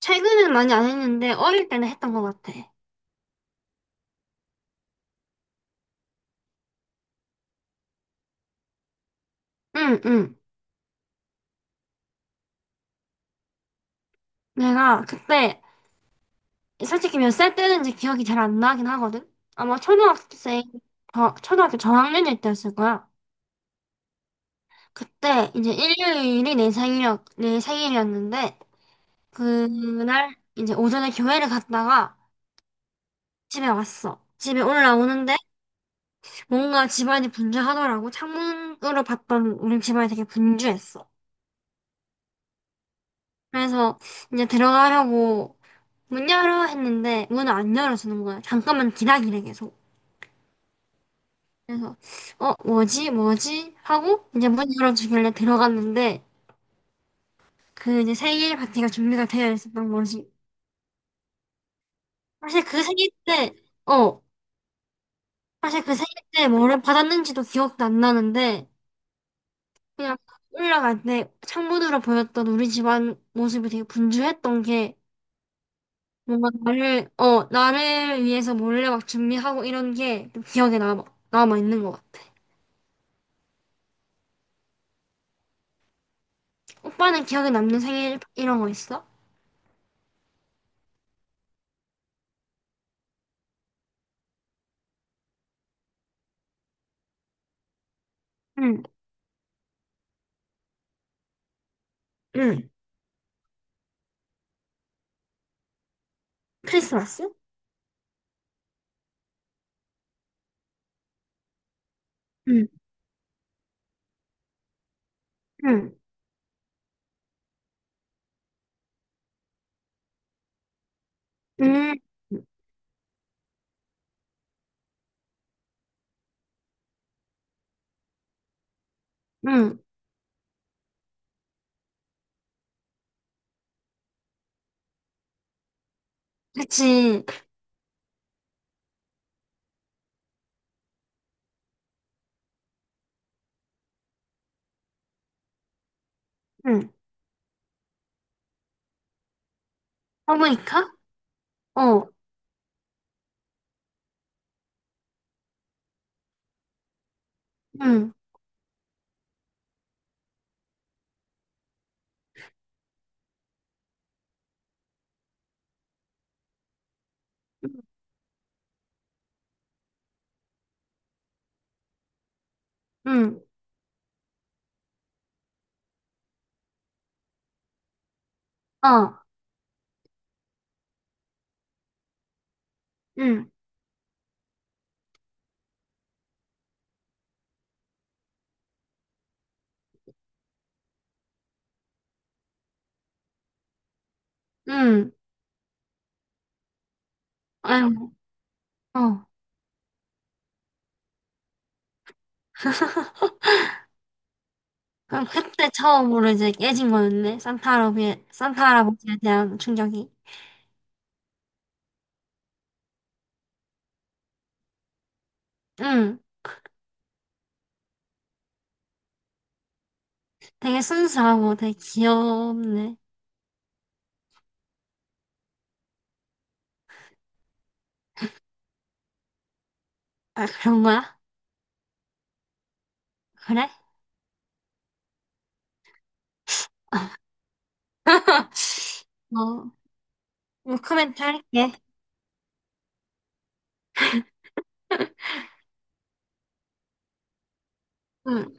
최근엔 많이 안 했는데 어릴 때는 했던 것 같아. 응, 응. 내가 그때 솔직히 몇 살 때는지 기억이 잘 안 나긴 하거든. 아마 초등학생 저, 초등학교 저학년일 때였을 거야. 그때 이제 일요일이 내 생일이었는데 그날 이제 오전에 교회를 갔다가 집에 왔어. 집에 올라오는데 뭔가 집안이 분주하더라고. 창문으로 봤던 우리 집안이 되게 분주했어. 그래서 이제 들어가려고 문 열어 했는데 문을 안 열어주는 거야. 잠깐만 기다리래 계속. 그래서 뭐지 뭐지 하고 이제 문 열어주길래 들어갔는데 그 이제 생일 파티가 준비가 되어 있었던 거지. 사실 그 생일 때 어 사실 그 생일 때 뭐를 받았는지도 기억도 안 나는데 그냥 올라갈 때 창문으로 보였던 우리 집안 모습이 되게 분주했던 게 뭔가 나를 위해서 몰래 막 준비하고 이런 게 기억에 남아 있는 것 같아. 오빠는 기억에 남는 생일 이런 거 있어? 응, 응. 크리스마스? 응, 응, 응, 응. 그치. 응. 하모니카. 어, 응, 응, 어, 응, 응. 아유, 어. 그럼 그때 처음으로 이제 깨진 거였네. 산타 할아버지, 산타 할아버지에 대한 충격이. 응. 되게 순수하고 되게 귀엽네. 아, 그런 거야? 그래? 어, 뭐 코멘트 할게. 응.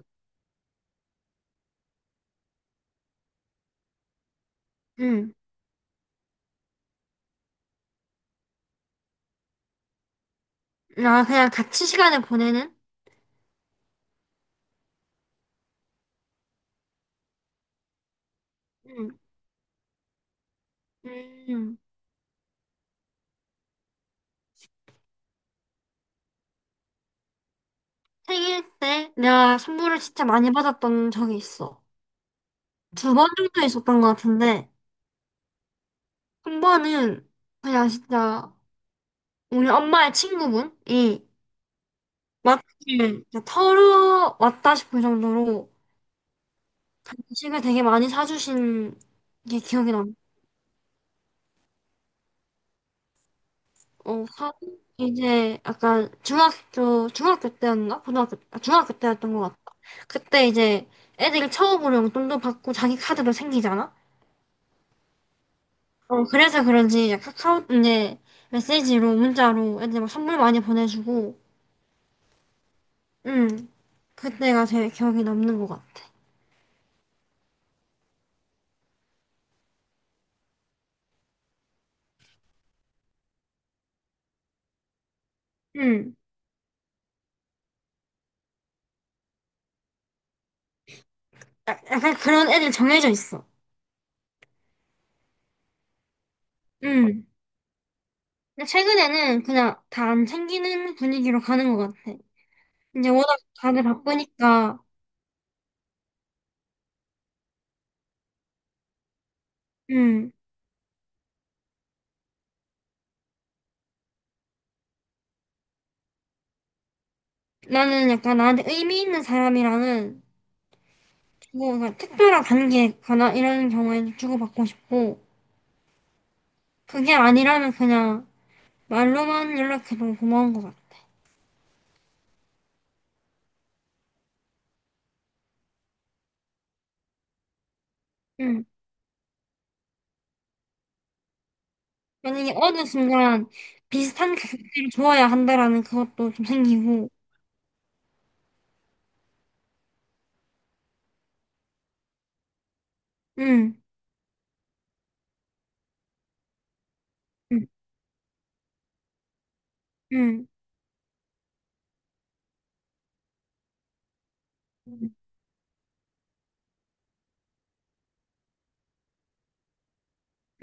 응. 아, 그냥 같이 시간을 보내는? 응. 음. 생일 때 내가 선물을 진짜 많이 받았던 적이 있어. 2번 정도 있었던 것 같은데, 1번은 그냥 진짜 우리 엄마의 친구분이 마트를 진짜 털어왔다 싶을 정도로 간식을 되게 많이 사주신 게 기억이 나. 어, 사- 이제 약간 중학교 때였나? 고등학교, 아, 중학교 때였던 것 같아. 그때 이제 애들이 처음으로 용돈도 받고 자기 카드도 생기잖아? 어, 그래서 그런지 카카오, 이제 메시지로, 문자로 애들 막 선물 많이 보내주고, 응, 그때가 제일 기억에 남는 것 같아. 응. 야- 약간 그런 애들 정해져 있어. 응. 근데 최근에는 그냥 다 안 챙기는 분위기로 가는 것 같아. 이제 워낙 다들 바쁘니까, 응. 나는 약간 나한테 의미 있는 사람이랑은 주고 그냥 특별한 관계거나 이런 경우에는 주고받고 싶고 그게 아니라면 그냥 말로만 연락해도 고마운 것 같아. 응. 만약에 어느 순간 비슷한 가격대를 줘야 한다라는 그것도 좀 생기고 응. 응. 응. 응.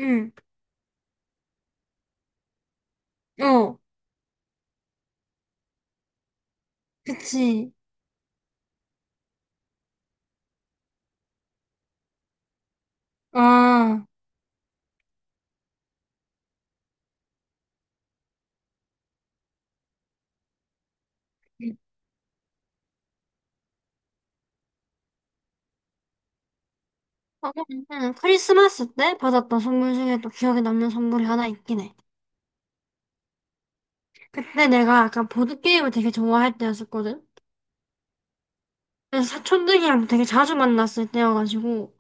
응. 어. 그치. 아. 어, 응. 크리스마스 때 받았던 선물 중에 또 기억에 남는 선물이 하나 있긴 해. 그때 내가 약간 보드게임을 되게 좋아할 때였었거든. 사촌들이랑 되게 자주 만났을 때여가지고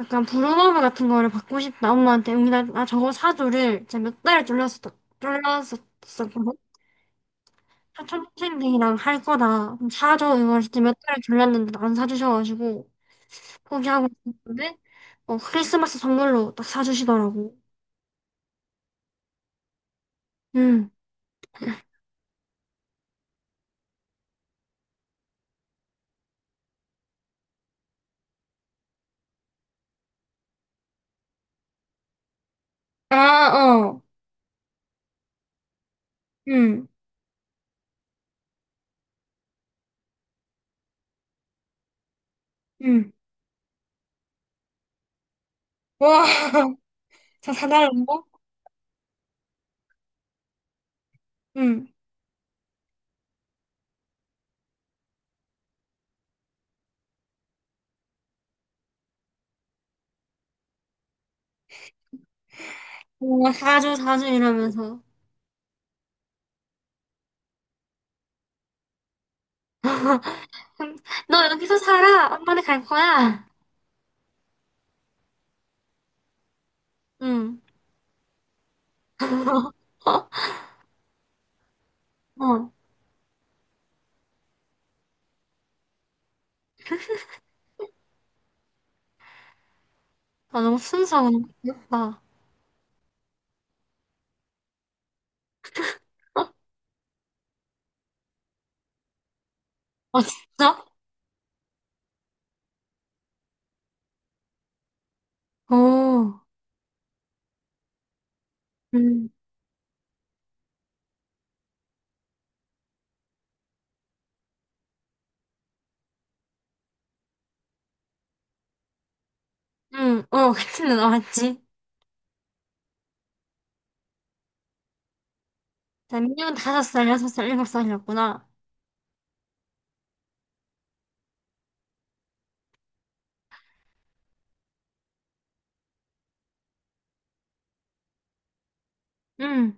약간 브루노브 같은 거를 받고 싶다 엄마한테 우리 나 저거 사줘를 진짜 몇 달을 졸렸었졸렸었거든. 사촌 동생들이랑 할 거다 그럼 사줘 이걸 진짜 몇 달을 졸렸는데 안 사주셔가지고 포기하고 있었는데 어 크리스마스 선물로 딱 사주시더라고. 응. 아. 어. 응. 응. 와. 저 사달라고. 응와 사줘 사줘 이러면서. 너 여기서 살아? 엄마네 갈 거야? 응. 어? 어. 아, 너무 순수하고 너무 귀엽다. 아, 진짜? 오. 응. 응, 어, 그렇게 나왔지. 자, 민혁은 5살, 6살, 7살이었구나. 응.